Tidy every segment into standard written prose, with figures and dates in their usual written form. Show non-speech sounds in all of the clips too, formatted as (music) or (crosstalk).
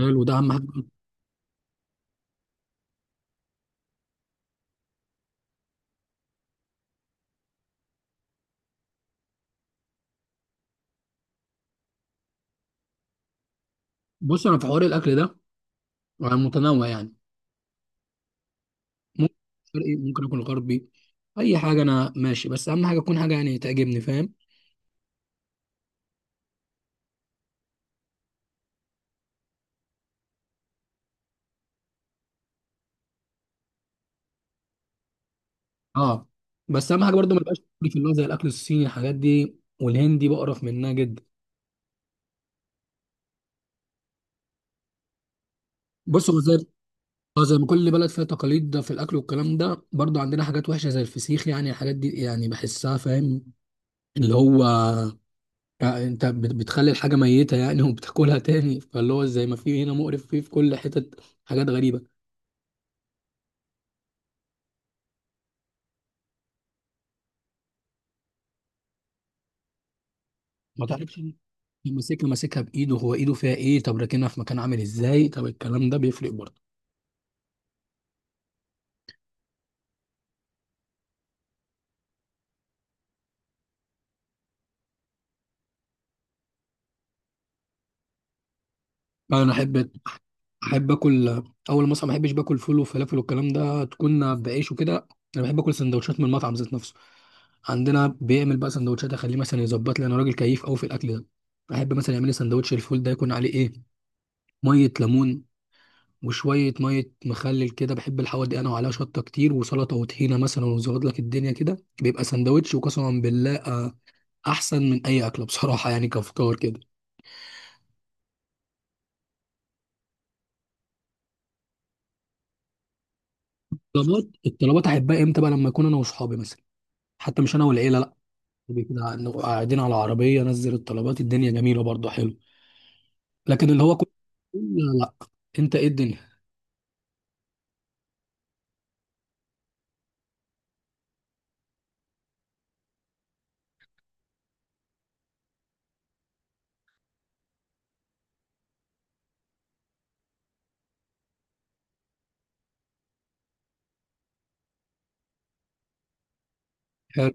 حلو، ده اهم حاجه. بص، انا في حوار الاكل ده انا متنوع يعني. ممكن شرقي، ممكن اكل غربي. اي حاجه انا ماشي، بس اهم حاجه تكون حاجه يعني تعجبني، فاهم؟ اه، بس اهم حاجه برضو ما يبقاش في اللي هو زي الاكل الصيني، الحاجات دي والهندي، بقرف منها جدا. بص هو زي اه، زي ما كل بلد فيها تقاليد ده في الاكل والكلام ده، برضو عندنا حاجات وحشه زي الفسيخ يعني، الحاجات دي يعني بحسها، فاهم؟ اللي هو يعني انت بتخلي الحاجه ميته يعني (laughs) وبتاكلها تاني، فاللي هو زي ما في هنا مقرف فيه في كل حتة حاجات غريبه. ما تعرفش لما ماسكها ماسكها بايده، هو ايده فيها ايه؟ طب راكنها في مكان عامل ازاي؟ طب الكلام ده بيفرق برضه. يعني انا احب اكل، اول ما اصحى ما احبش باكل فول وفلافل والكلام ده، تكون بعيش وكده. انا بحب اكل سندوتشات من المطعم ذات نفسه. عندنا بيعمل بقى سندوتشات اخليه مثلا يظبط لي، انا راجل كيف قوي في الاكل ده. احب مثلا يعمل لي سندوتش الفول ده يكون عليه ايه، ميه ليمون وشويه ميه مخلل كده، بحب الحوار دي انا، وعليها شطه كتير وسلطه وطحينه مثلا، ويظبط لك الدنيا كده. بيبقى سندوتش وقسما بالله احسن من اي اكله بصراحه يعني، كافكار كده. الطلبات، احبها امتى بقى؟ لما اكون انا واصحابي مثلا، حتى مش انا والعيله، لا. كده نبقى قاعدين على عربيه، نزل الطلبات، الدنيا جميله برضه، حلو. لكن اللي هو كل، لا لا، انت ايه الدنيا؟ حلو.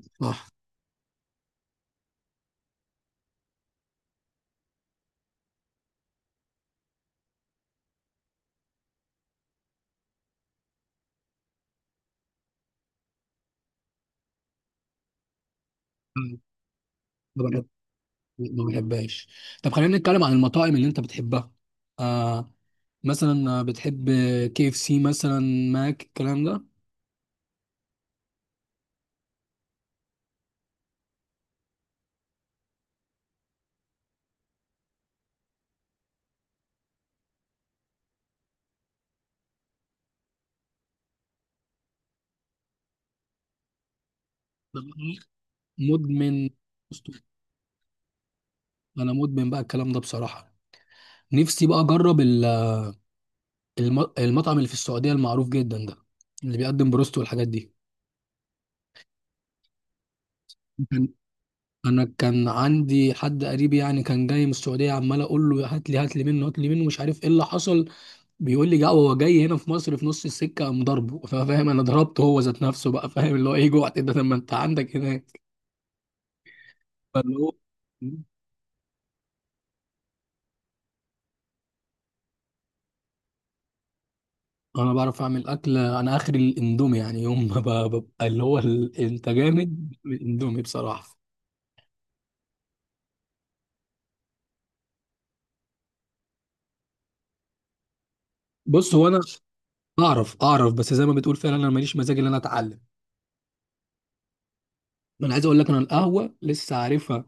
صح. ما بحب- ما بحبهاش. طب خلينا نتكلم عن المطاعم اللي انت بتحبها. آه، مثلا بتحب كي اف سي مثلا، ماك، الكلام ده. مدمن، انا مدمن بقى الكلام ده بصراحه. نفسي بقى اجرب المطعم اللي في السعوديه المعروف جدا ده، اللي بيقدم بروست والحاجات دي. كان انا كان عندي حد قريب يعني، كان جاي من السعوديه، عمال اقول له هات لي، هات لي منه، هات لي منه، مش عارف ايه اللي حصل. بيقول لي جا، هو جاي هنا في مصر في نص السكه قام ضربه، فاهم؟ انا ضربته هو ذات نفسه بقى، فاهم؟ اللي هو ايه جوعت ده لما انت عندك هناك، فاللي هو. انا بعرف اعمل اكل، انا اخري الاندومي يعني. يوم ما ب- ببقى اللي هو ال- انت جامد الاندومي بصراحه. بص هو انا اعرف، اعرف، بس زي ما بتقول فعلا انا ماليش مزاج ان انا اتعلم. انا عايز اقول لك، انا القهوه لسه عارفها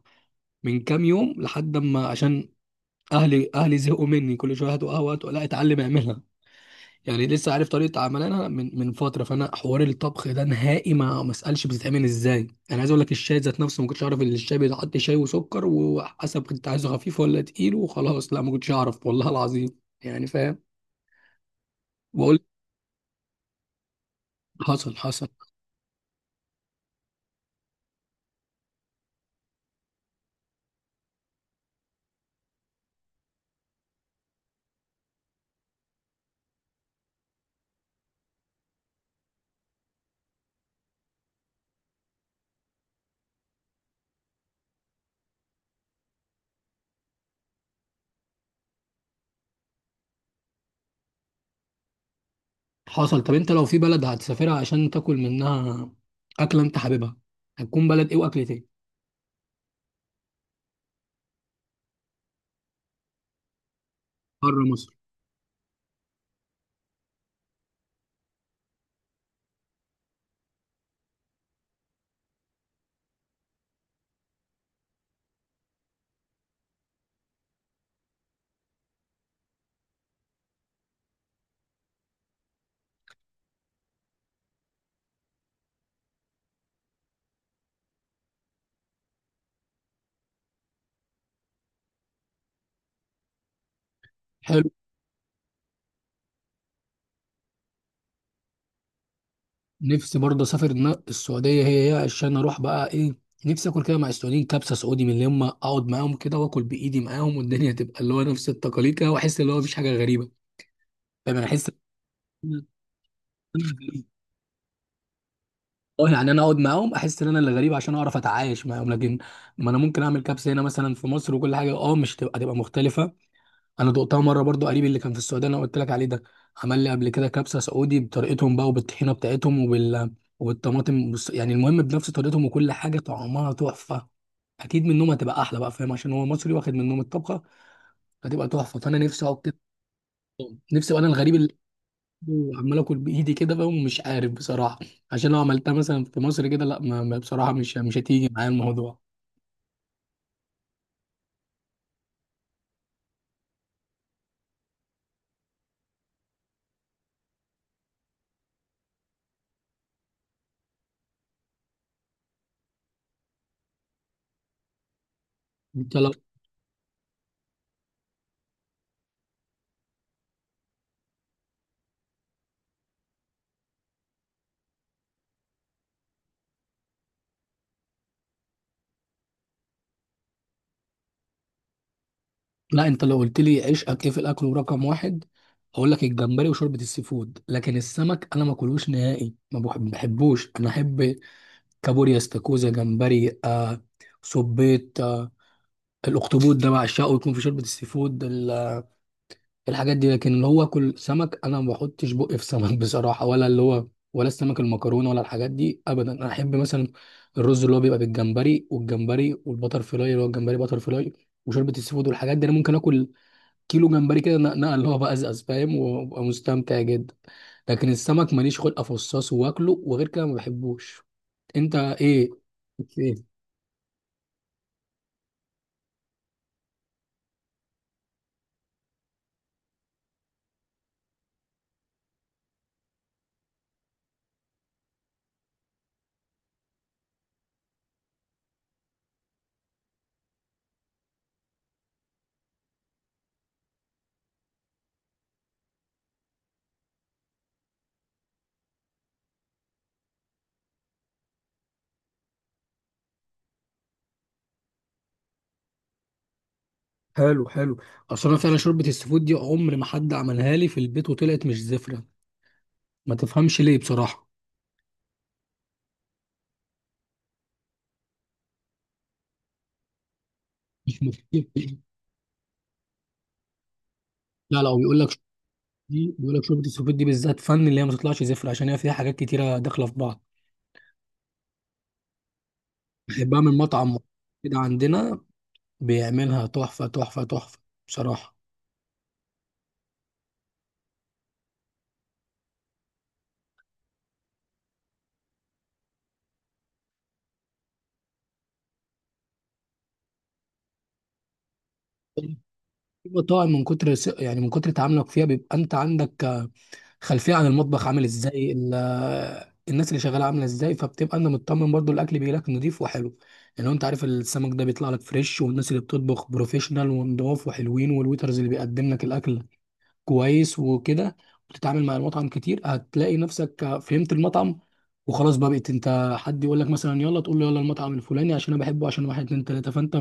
من كام يوم، لحد ما عشان اهلي زهقوا مني، كل شويه هاتوا قهوه هاتوا، لا اتعلم اعملها يعني. لسه عارف طريقه عملها من فتره. فانا حوار الطبخ ده نهائي ما اسالش بتتعمل ازاي. انا عايز اقول لك الشاي ذات نفسه ما كنتش اعرف ان الشاي بيتحط شاي وسكر وحسب، كنت عايزه خفيف ولا تقيل وخلاص، لا ما كنتش اعرف، والله العظيم يعني، فاهم؟ بقول، حصل حصل حصل. طب انت لو في بلد هتسافرها عشان تاكل منها اكله انت حاببها، هتكون بلد ايه واكلة ايه؟ بره مصر، حلو. نفسي برضه اسافر دماغ السعوديه هي عشان اروح بقى ايه، نفسي اكل كده مع السعوديين كبسه سعودي، من اللي هم اقعد معاهم كده واكل بايدي معاهم، والدنيا تبقى اللي هو نفس التقاليد كده، واحس اللي هو مفيش حاجه غريبه. فانا احس إن انا أنا غريب. اه، يعني انا اقعد معاهم احس ان انا اللي غريب، عشان اعرف اتعايش معاهم. لكن ما انا ممكن اعمل كبسه هنا مثلا في مصر وكل حاجه، اه مش تبقى مختلفه. انا دقتها مره برضو، قريب اللي كان في السعوديه انا قلت لك عليه ده، عمل لي قبل كده كبسه سعودي بطريقتهم بقى، وبالطحينه بتاعتهم، وبال وبالطماطم بص يعني، المهم بنفس طريقتهم وكل حاجه طعمها تحفه. اكيد منهم هتبقى احلى بقى، فاهم؟ عشان هو مصري واخد منهم الطبخه، هتبقى تحفه. فانا نفسي اقعد كده، نفسي ابقى انا الغريب اللي عمال اكل بايدي كده بقى ومش عارف بصراحه. عشان لو عملتها مثلا في مصر كده لا، بصراحه مش هتيجي معايا الموضوع. انت؟ لا، انت لو قلت لي عشقك ايه في الاكل ورقم واحد، هقول لك الجمبري وشوربه السي فود. لكن السمك انا ما اكلوش نهائي، ما بحبوش. انا احب كابوريا، استاكوزا، جمبري آه، صبيط آه، الاخطبوط ده بعشقه يكون في شوربه السي فود، الحاجات دي. لكن اللي هو اكل سمك انا ما بحطش بقي في سمك (laughs) بصراحه، ولا اللي هو، ولا السمك المكرونه، ولا الحاجات دي ابدا. انا احب مثلا الرز اللي هو بيبقى بالجمبري، والجمبري والبتر فلاي، اللي هو الجمبري بتر فلاي، وشوربه السي فود والحاجات دي، انا ممكن اكل كيلو جمبري كده نقل هو بقى ازاز، فاهم؟ وابقى مستمتع جدا. لكن السمك ماليش خلق افصصه واكله، وغير كده ما بحبوش. انت ايه، ايه؟ حلو، حلو. اصل انا فعلا شوربه السفود دي عمر ما حد عملها لي في البيت وطلعت مش زفره، ما تفهمش ليه بصراحه. (laughs) مش مشكلة. لا لا، هو بيقول لك شوربة دي، بيقول لك شوربه السفود دي بالذات فن، اللي هي ما تطلعش زفره عشان هي فيها حاجات كتيره داخله في بعض. بحبها من مطعم كده عندنا، بيعملها تحفه تحفه تحفه بصراحه. في مطاعم من كتر س- يعني من كتر تعاملك فيها بيبقى انت عندك خلفيه عن المطبخ عامل ازاي، الناس اللي شغاله عامله ازاي، فبتبقى انت مطمن برضو الاكل بيجي لك نضيف وحلو يعني. انت عارف السمك ده بيطلع لك فريش، والناس اللي بتطبخ بروفيشنال ونضاف وحلوين، والويترز اللي بيقدم لك الاكل كويس وكده. بتتعامل مع المطعم كتير، هتلاقي نفسك فهمت المطعم، وخلاص بقى، بقيت انت حد يقول لك مثلا يلا، تقول له يلا المطعم الفلاني عشان انا بحبه عشان واحد اتنين تلاته. فانت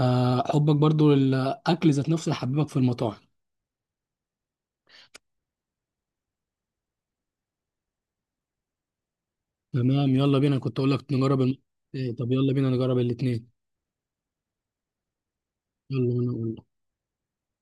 حبك برضو للاكل ذات نفسه يحببك في المطاعم. تمام يلا بينا، كنت اقول لك نجرب الم... إيه، طب يلا بينا نجرب الاثنين. يلا، وانا اقول